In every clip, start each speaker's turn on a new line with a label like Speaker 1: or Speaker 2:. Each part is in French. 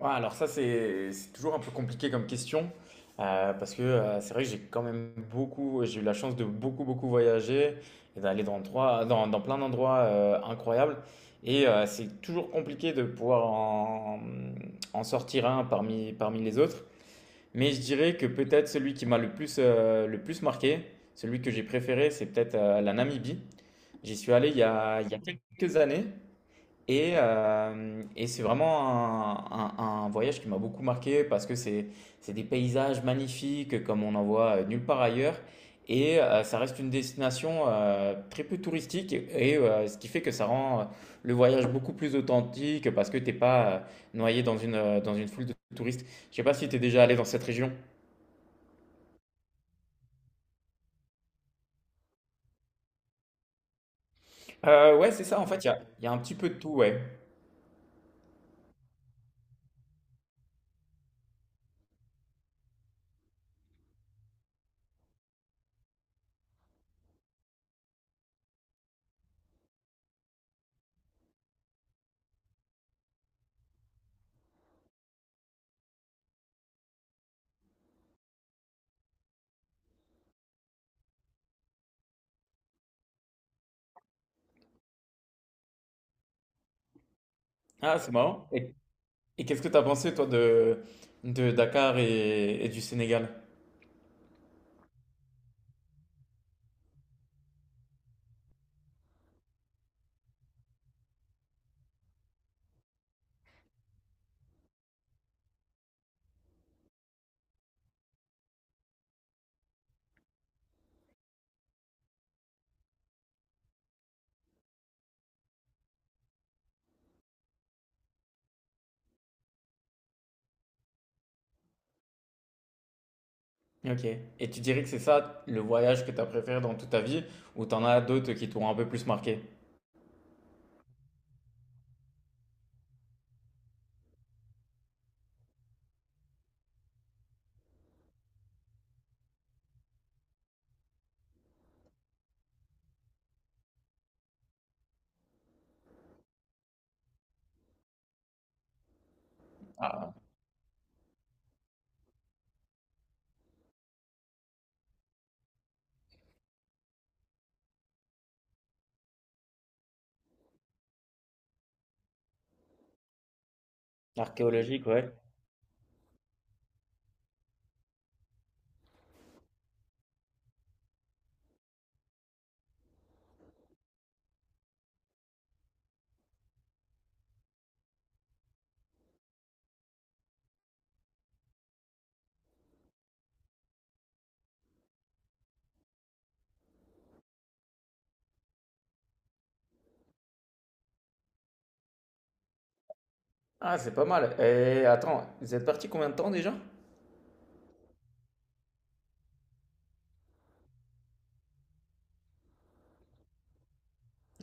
Speaker 1: Ouais, alors ça, c'est toujours un peu compliqué comme question, parce que c'est vrai que j'ai quand même beaucoup, j'ai eu la chance de beaucoup, beaucoup voyager et d'aller dans, dans, dans plein d'endroits incroyables. Et c'est toujours compliqué de pouvoir en, en sortir un parmi, parmi les autres. Mais je dirais que peut-être celui qui m'a le plus marqué, celui que j'ai préféré, c'est peut-être la Namibie. J'y suis allé il y a quelques années et c'est vraiment un, un voyage qui m'a beaucoup marqué parce que c'est des paysages magnifiques comme on en voit nulle part ailleurs. Et ça reste une destination très peu touristique et ce qui fait que ça rend le voyage beaucoup plus authentique parce que t'es pas noyé dans une foule de touristes. Je sais pas si tu es déjà allé dans cette région. Ouais, c'est ça, en fait, il y a un petit peu de tout, ouais. Ah, c'est marrant. Et qu'est-ce que tu as pensé, toi, de, Dakar et du Sénégal? OK, et tu dirais que c'est ça le voyage que tu as préféré dans toute ta vie ou t'en as d'autres qui t'ont un peu plus marqué? Archéologique, ouais. Ah, c'est pas mal. Et attends, vous êtes parti combien de temps déjà?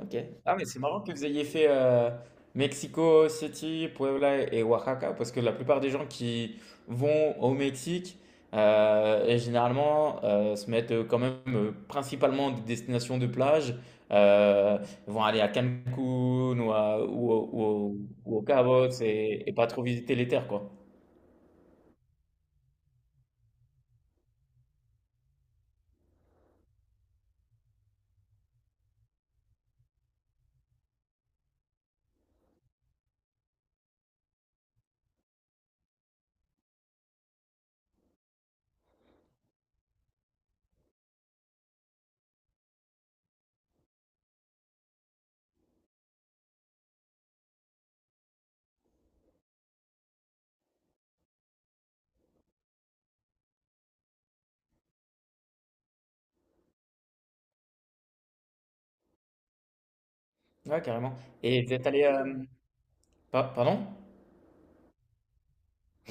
Speaker 1: Ok. Ah, mais c'est marrant que vous ayez fait Mexico City, Puebla et Oaxaca, parce que la plupart des gens qui vont au Mexique, et généralement, se mettent quand même principalement des destinations de plage, euh, vont aller à Cancun ou, ou, ou au Cabo et, pas trop visiter les terres, quoi. Ouais, carrément. Et vous êtes allé... pardon?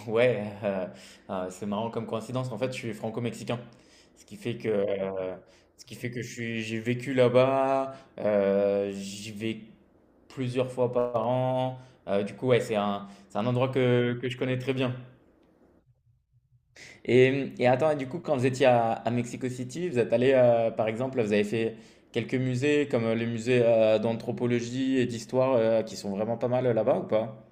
Speaker 1: Ouais, c'est marrant comme coïncidence. En fait, je suis franco-mexicain. Ce qui fait que, je suis j'ai vécu là-bas, j'y vais plusieurs fois par an. Du coup, ouais, c'est un endroit que je connais très bien. Et attends, et du coup, quand vous étiez à Mexico City, vous êtes allé par exemple, vous avez fait quelques musées comme, les musées, d'anthropologie et d'histoire, qui sont vraiment pas mal, là-bas ou pas?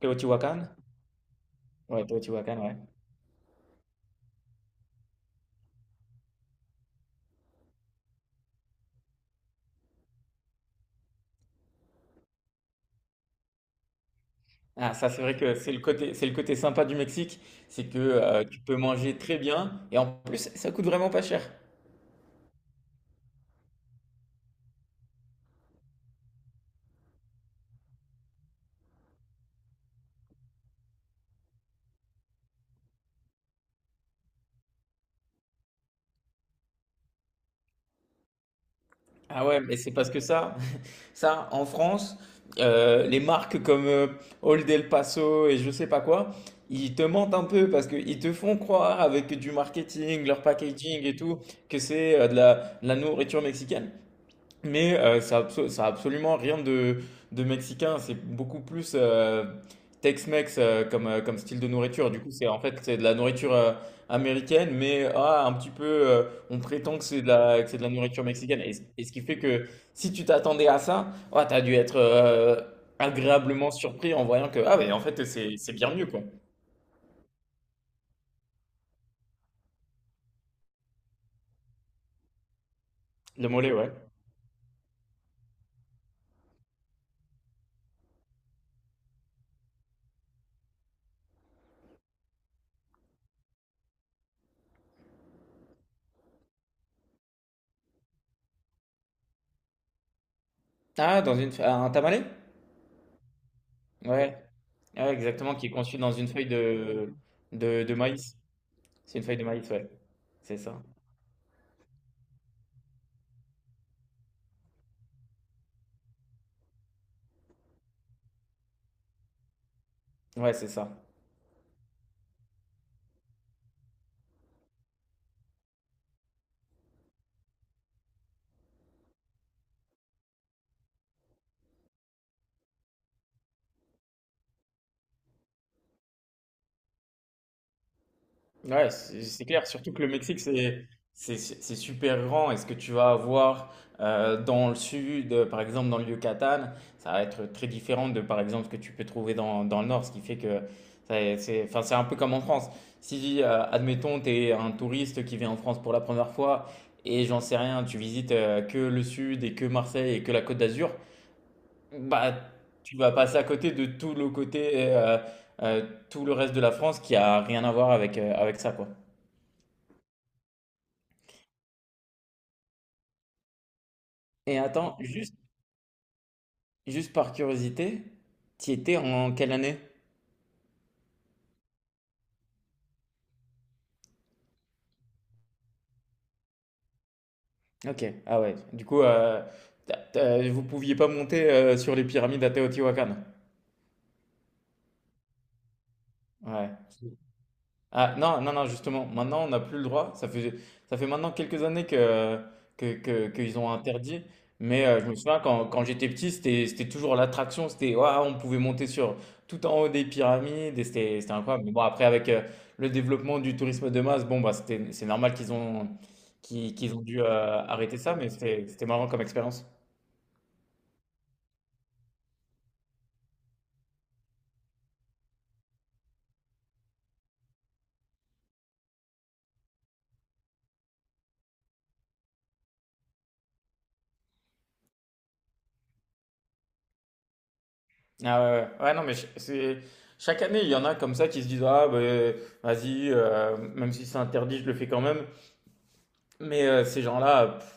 Speaker 1: Teotihuacan? Ouais, Teotihuacan, ouais. Ah ça, c'est vrai que c'est le côté sympa du Mexique, c'est que, tu peux manger très bien et en plus, ça coûte vraiment pas cher. Ah ouais, mais c'est parce que ça en France, les marques comme, Old El Paso et je sais pas quoi, ils te mentent un peu parce qu'ils te font croire avec du marketing, leur packaging et tout, que c'est, de la nourriture mexicaine. Mais ça absolument rien de, mexicain. C'est beaucoup plus Tex-Mex comme, comme style de nourriture. Du coup, c'est en fait c'est de la nourriture américaine, mais ah, un petit peu, on prétend que c'est de la nourriture mexicaine. Et ce qui fait que si tu t'attendais à ça, ah, tu t'as dû être agréablement surpris en voyant que ah mais en fait c'est bien mieux quoi. Le mollet, ouais. Ah, dans une un tamalé? Ouais. Ouais, exactement, qui est conçu dans une feuille de maïs. C'est une feuille de maïs, ouais. C'est ça. Ouais, c'est ça. Ouais, c'est clair. Surtout que le Mexique, c'est super grand. Et ce que tu vas avoir dans le sud, par exemple dans le Yucatan, ça va être très différent de, par exemple, ce que tu peux trouver dans, dans le nord. Ce qui fait que c'est enfin, c'est un peu comme en France. Si, admettons, tu es un touriste qui vient en France pour la première fois et j'en sais rien, tu visites que le sud et que Marseille et que la Côte d'Azur, bah, tu vas passer à côté de tout le côté, tout le reste de la France qui a rien à voir avec, avec ça, quoi. Et attends, juste, juste par curiosité, tu étais en quelle année? Ok, ah ouais. Du coup, vous pouviez pas monter sur les pyramides à Teotihuacan. Ouais. Ah non, non, non, justement, maintenant on n'a plus le droit. Ça fait maintenant quelques années qu'ils ont interdit. Mais je me souviens quand j'étais petit, c'était toujours l'attraction. C'était, ouah, on pouvait monter sur tout en haut des pyramides et c'était incroyable. Mais bon, après, avec le développement du tourisme de masse, bon, bah, c'était, c'est normal qu'ils ont dû arrêter ça, mais c'était marrant comme expérience. Ah ouais, ouais. Ouais, non, mais chaque année, il y en a comme ça qui se disent, ah, bah, vas-y, même si c'est interdit, je le fais quand même. Mais ces gens-là, pff,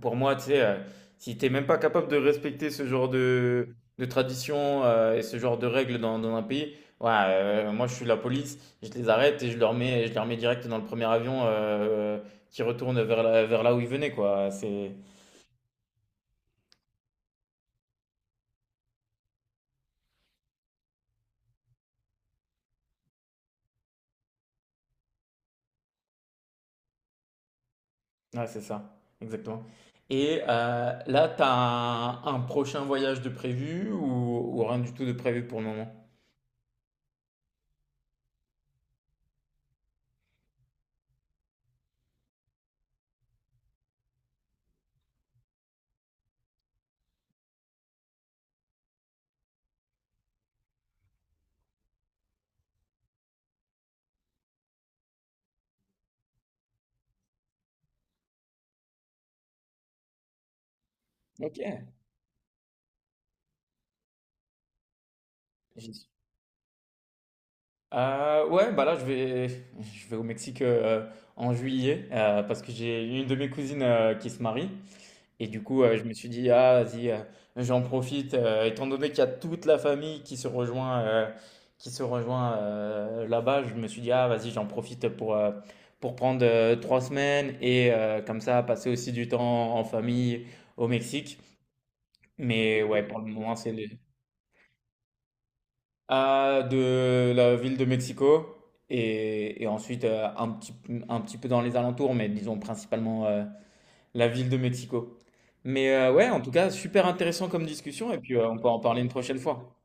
Speaker 1: pour moi, tu sais, si t'es même pas capable de respecter ce genre de tradition et ce genre de règles dans un pays, ouais, moi je suis la police, je les arrête et je leur mets, je les remets direct dans le premier avion qui retourne vers là où ils venaient, quoi. Ouais, c'est ça, exactement. Et là, t'as un prochain voyage de prévu ou rien du tout de prévu pour le moment? Ok. Ouais, bah là, je vais au Mexique en juillet parce que j'ai une de mes cousines qui se marie. Et du coup, je me suis dit, ah, vas-y, j'en profite, étant donné qu'il y a toute la famille qui se rejoint là-bas, je me suis dit, ah, vas-y, j'en profite pour prendre 3 semaines et comme ça, passer aussi du temps en famille au Mexique. Mais ouais, pour le moment, de la ville de Mexico et ensuite un petit peu dans les alentours, mais disons principalement la ville de Mexico. Mais ouais, en tout cas, super intéressant comme discussion et puis on peut en parler une prochaine fois.